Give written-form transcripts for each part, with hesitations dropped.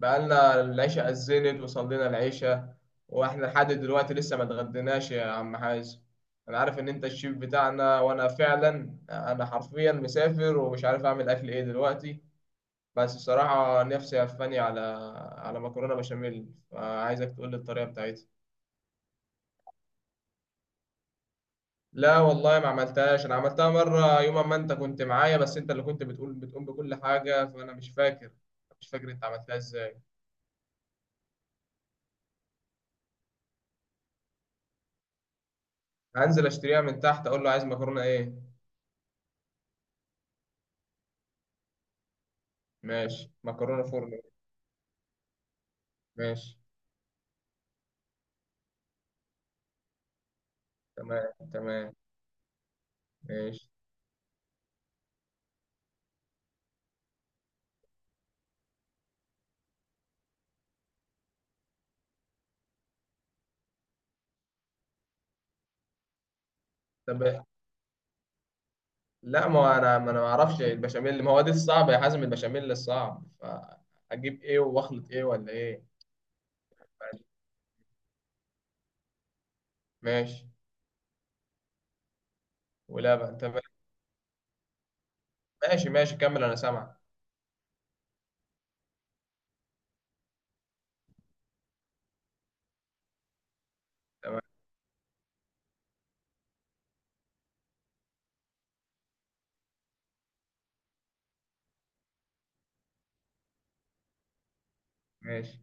بقالنا العشاء أذنت وصلينا العشاء، وإحنا لحد دلوقتي لسه ما اتغديناش يا عم حازم. أنا عارف إن أنت الشيف بتاعنا، وأنا فعلا أنا حرفيا مسافر ومش عارف أعمل أكل إيه دلوقتي. بس الصراحة نفسي هفاني على على مكرونة بشاميل، فعايزك تقول لي الطريقة بتاعتها. لا والله ما عملتهاش، أنا عملتها مرة يوم ما أنت كنت معايا، بس أنت اللي كنت بتقول بتقوم بكل حاجة فأنا مش فاكر. مش فاكر أنت عملتها إزاي. هنزل أشتريها من تحت، أقول له عايز مكرونة إيه. ماشي، مكرونة فرن. ماشي. تمام، تمام. ماشي. طب، لا ما هو انا ما اعرفش البشاميل. ما هو دي الصعبة يا حازم، البشاميل الصعب، فاجيب ايه واخلط ايه ولا ايه؟ ماشي، ولبن، تمام. ماشي ماشي، كمل انا سامعك. تمام. ماشي.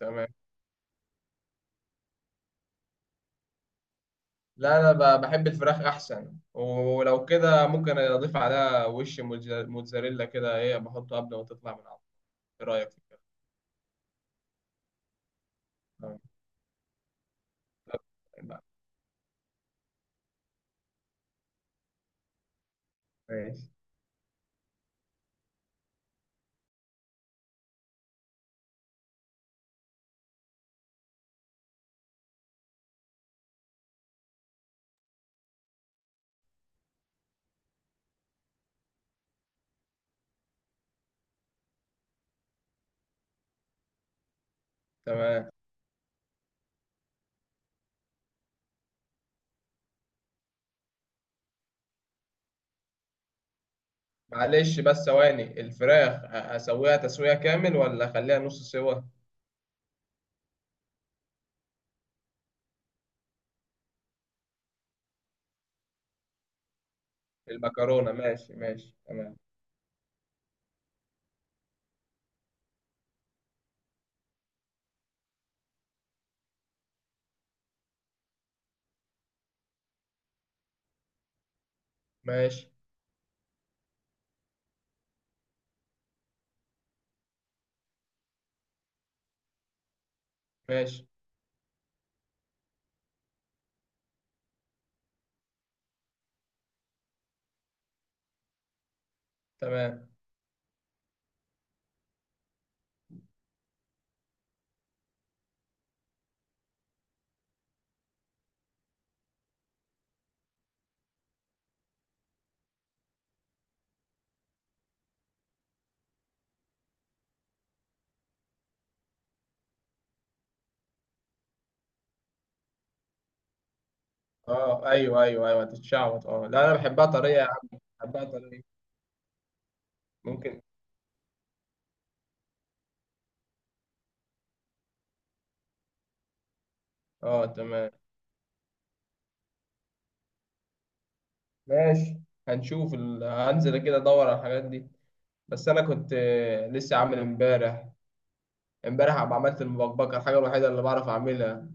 تمام. لا انا بحب الفراخ احسن، ولو كده ممكن اضيف عليها وش موتزاريلا كده، ايه بحطه قبل ما تطلع من العظم. ايه رايك في كده؟ تمام. ماشي. تمام. معلش بس ثواني، الفراخ هسويها تسوية كامل ولا اخليها نص سوا؟ المكرونة ماشي ماشي تمام. ماشي ماشي تمام. اه ايوه ايوه ايوه هتتشعبط. اه لا انا بحبها طرية يا عم. بحبها طرية. ممكن. اه تمام. ماشي، هنشوف هنزل كده ادور على الحاجات دي. بس انا كنت لسه عامل امبارح. امبارح عم عملت المبكبكة، الحاجة الوحيدة اللي بعرف اعملها.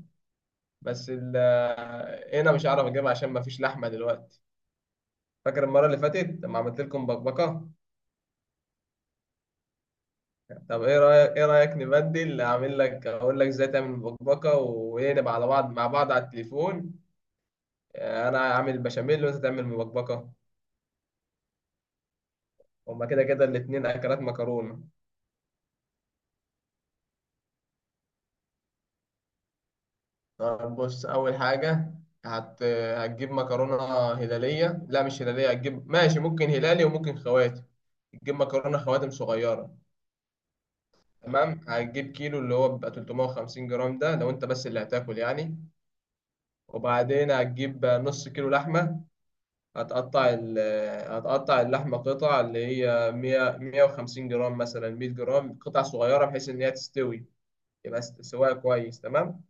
بس ال... آه، هنا مش هعرف اجيبها عشان مفيش لحمة دلوقتي. فاكر المرة اللي فاتت لما عملت لكم بكبكة؟ طب ايه رأيك نبدل، اعمل لك اقول لك ازاي تعمل بكبكة، ونبقى على بعض مع بعض على التليفون. انا اعمل بشاميل وانت تعمل بكبكة. هما كده كده الاتنين اكلات مكرونة. طب بص، اول حاجة هتجيب مكرونة هلالية، لا مش هلالية، هتجيب ماشي ممكن هلالي وممكن خواتم. تجيب مكرونة خواتم صغيرة. تمام. هتجيب كيلو اللي هو بيبقى 350 جرام، ده لو انت بس اللي هتاكل يعني. وبعدين هتجيب نص كيلو لحمة. هتقطع ال هتقطع اللحمة قطع، اللي هي 100 150 جرام، مثلا 100 جرام، قطع صغيرة بحيث إن هي تستوي. يبقى سواها كويس. تمام.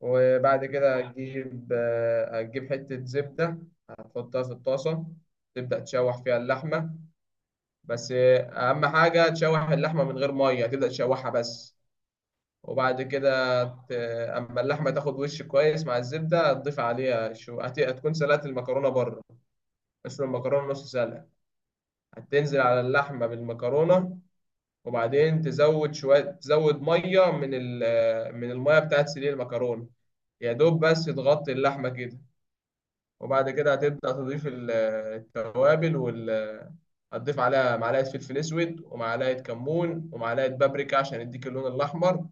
وبعد كده هتجيب، هتجيب حتة زبدة. هتحطها في الطاسة. تبدأ تشوح فيها اللحمة. بس أهم حاجة تشوح اللحمة من غير مية، تبدأ تشوحها بس. وبعد كده ت- اما اللحمه تاخد وش كويس مع الزبده، هتضيف عليها شو، هتكون سلقت المكرونه بره. اسلق المكرونة نص سلقة. هتنزل على اللحمة بالمكرونة. وبعدين تزود شوية، تزود مية من المية بتاعت سلق المكرونة. يا دوب بس تغطي اللحمة كده. وبعد كده هتبدأ تضيف التوابل هتضيف عليها معلقة فلفل أسود ومعلقة كمون ومعلقة بابريكا عشان يديك اللون الأحمر.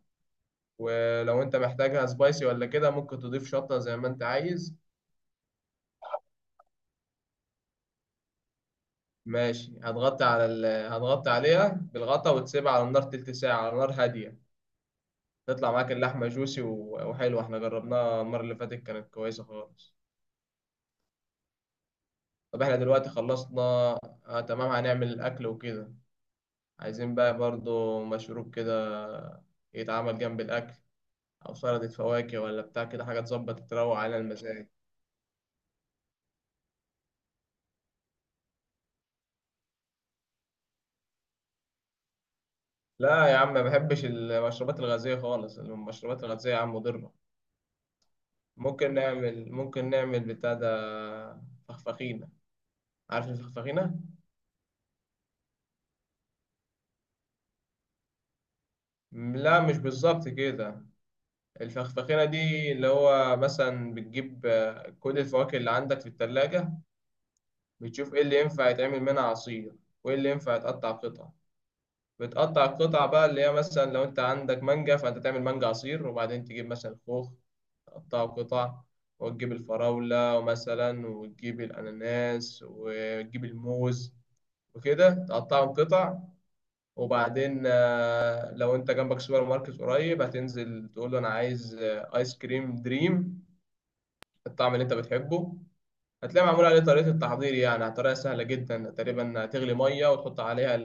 ولو أنت محتاجها سبايسي ولا كده، ممكن تضيف شطة زي ما أنت عايز. ماشي، هتغطي على هتغطي عليها بالغطا، وتسيبها على النار 1/3 ساعة على نار هادية. تطلع معاك اللحمة جوسي وحلوة. احنا جربناها المرة اللي فاتت كانت كويسة خالص. طب احنا دلوقتي خلصنا. آه تمام، هنعمل الأكل وكده. عايزين بقى برضو مشروب كده يتعمل جنب الأكل، أو سلطة فواكه ولا بتاع كده، حاجة تظبط تروق على المزاج. لا يا عم، ما بحبش المشروبات الغازية خالص. المشروبات الغازية يا عم مضرة. ممكن نعمل بتاع ده، فخفخينة. عارف الفخفخينة؟ لا مش بالظبط كده. الفخفخيرة دي اللي هو مثلا بتجيب، كل الفواكه اللي عندك في التلاجة. بتشوف ايه اللي ينفع يتعمل منها عصير، وايه اللي ينفع يتقطع قطع. بتقطع القطع بقى، اللي هي مثلا لو انت عندك مانجا فانت تعمل مانجا عصير، وبعدين تجيب مثلا خوخ تقطعه قطع، وتجيب الفراولة مثلا، وتجيب الأناناس، وتجيب الموز، وكده تقطعهم قطع. وبعدين لو انت جنبك سوبر ماركت قريب، هتنزل تقول له انا عايز، ايس كريم دريم الطعم اللي انت بتحبه. هتلاقي معمول عليه طريقة التحضير، يعني طريقة سهلة جدا، تقريبا هتغلي مية وتحط عليها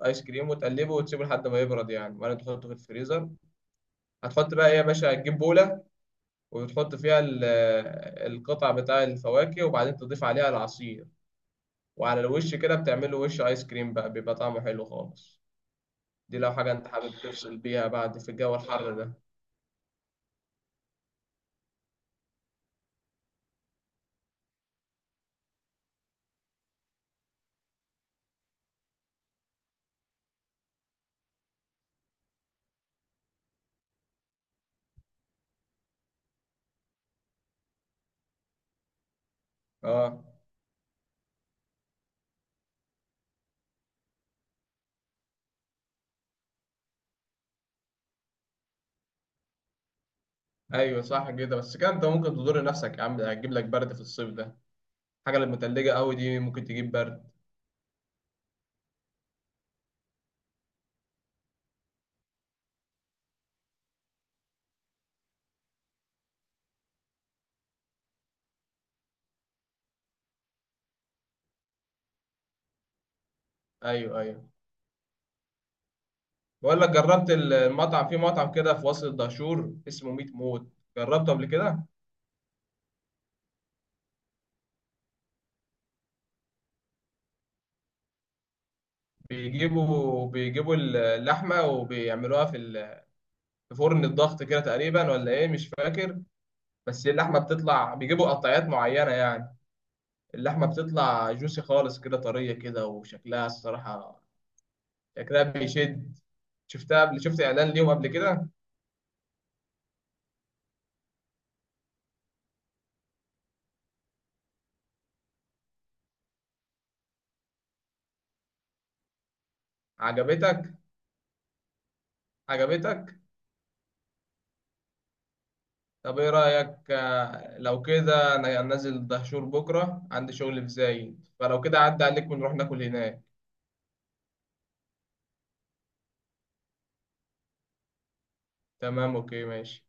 الآيس كريم وتقلبه وتسيبه لحد ما يبرد يعني، وبعدين تحطه في الفريزر. هتحط بقى ايه يا باشا، هتجيب بولة وتحط فيها القطع بتاع الفواكه، وبعدين تضيف عليها العصير، وعلى الوش كده بتعمله وش آيس كريم بقى، بيبقى طعمه حلو خالص. دي لو حاجة انت حابب تفصل بيها بعد في الجو الحر ده. اه ايوه صح كده، بس كده انت ممكن تضر نفسك يا عم، هتجيب لك برد في الصيف ده. الحاجة اللي متلجة قوي دي ممكن تجيب برد. ايوه ايوه. بقول لك، جربت المطعم في مطعم كده في وسط الدهشور اسمه ميت موت؟ جربته قبل كده؟ بيجيبوا اللحمه وبيعملوها في في فرن الضغط كده تقريبا، ولا ايه مش فاكر. بس اللحمه بتطلع، بيجيبوا قطعيات معينه يعني. اللحمه بتطلع جوسي خالص كده، طريه كده، وشكلها الصراحه، شكلها بيشد. شفتها قبل، شفت اعلان ليهم قبل كده؟ عجبتك؟ عجبتك؟ طب ايه رأيك، لو كده انا نازل دهشور بكرة عندي شغل في زايد، فلو كده عدى عليك ونروح ناكل هناك. تمام اوكي ماشي.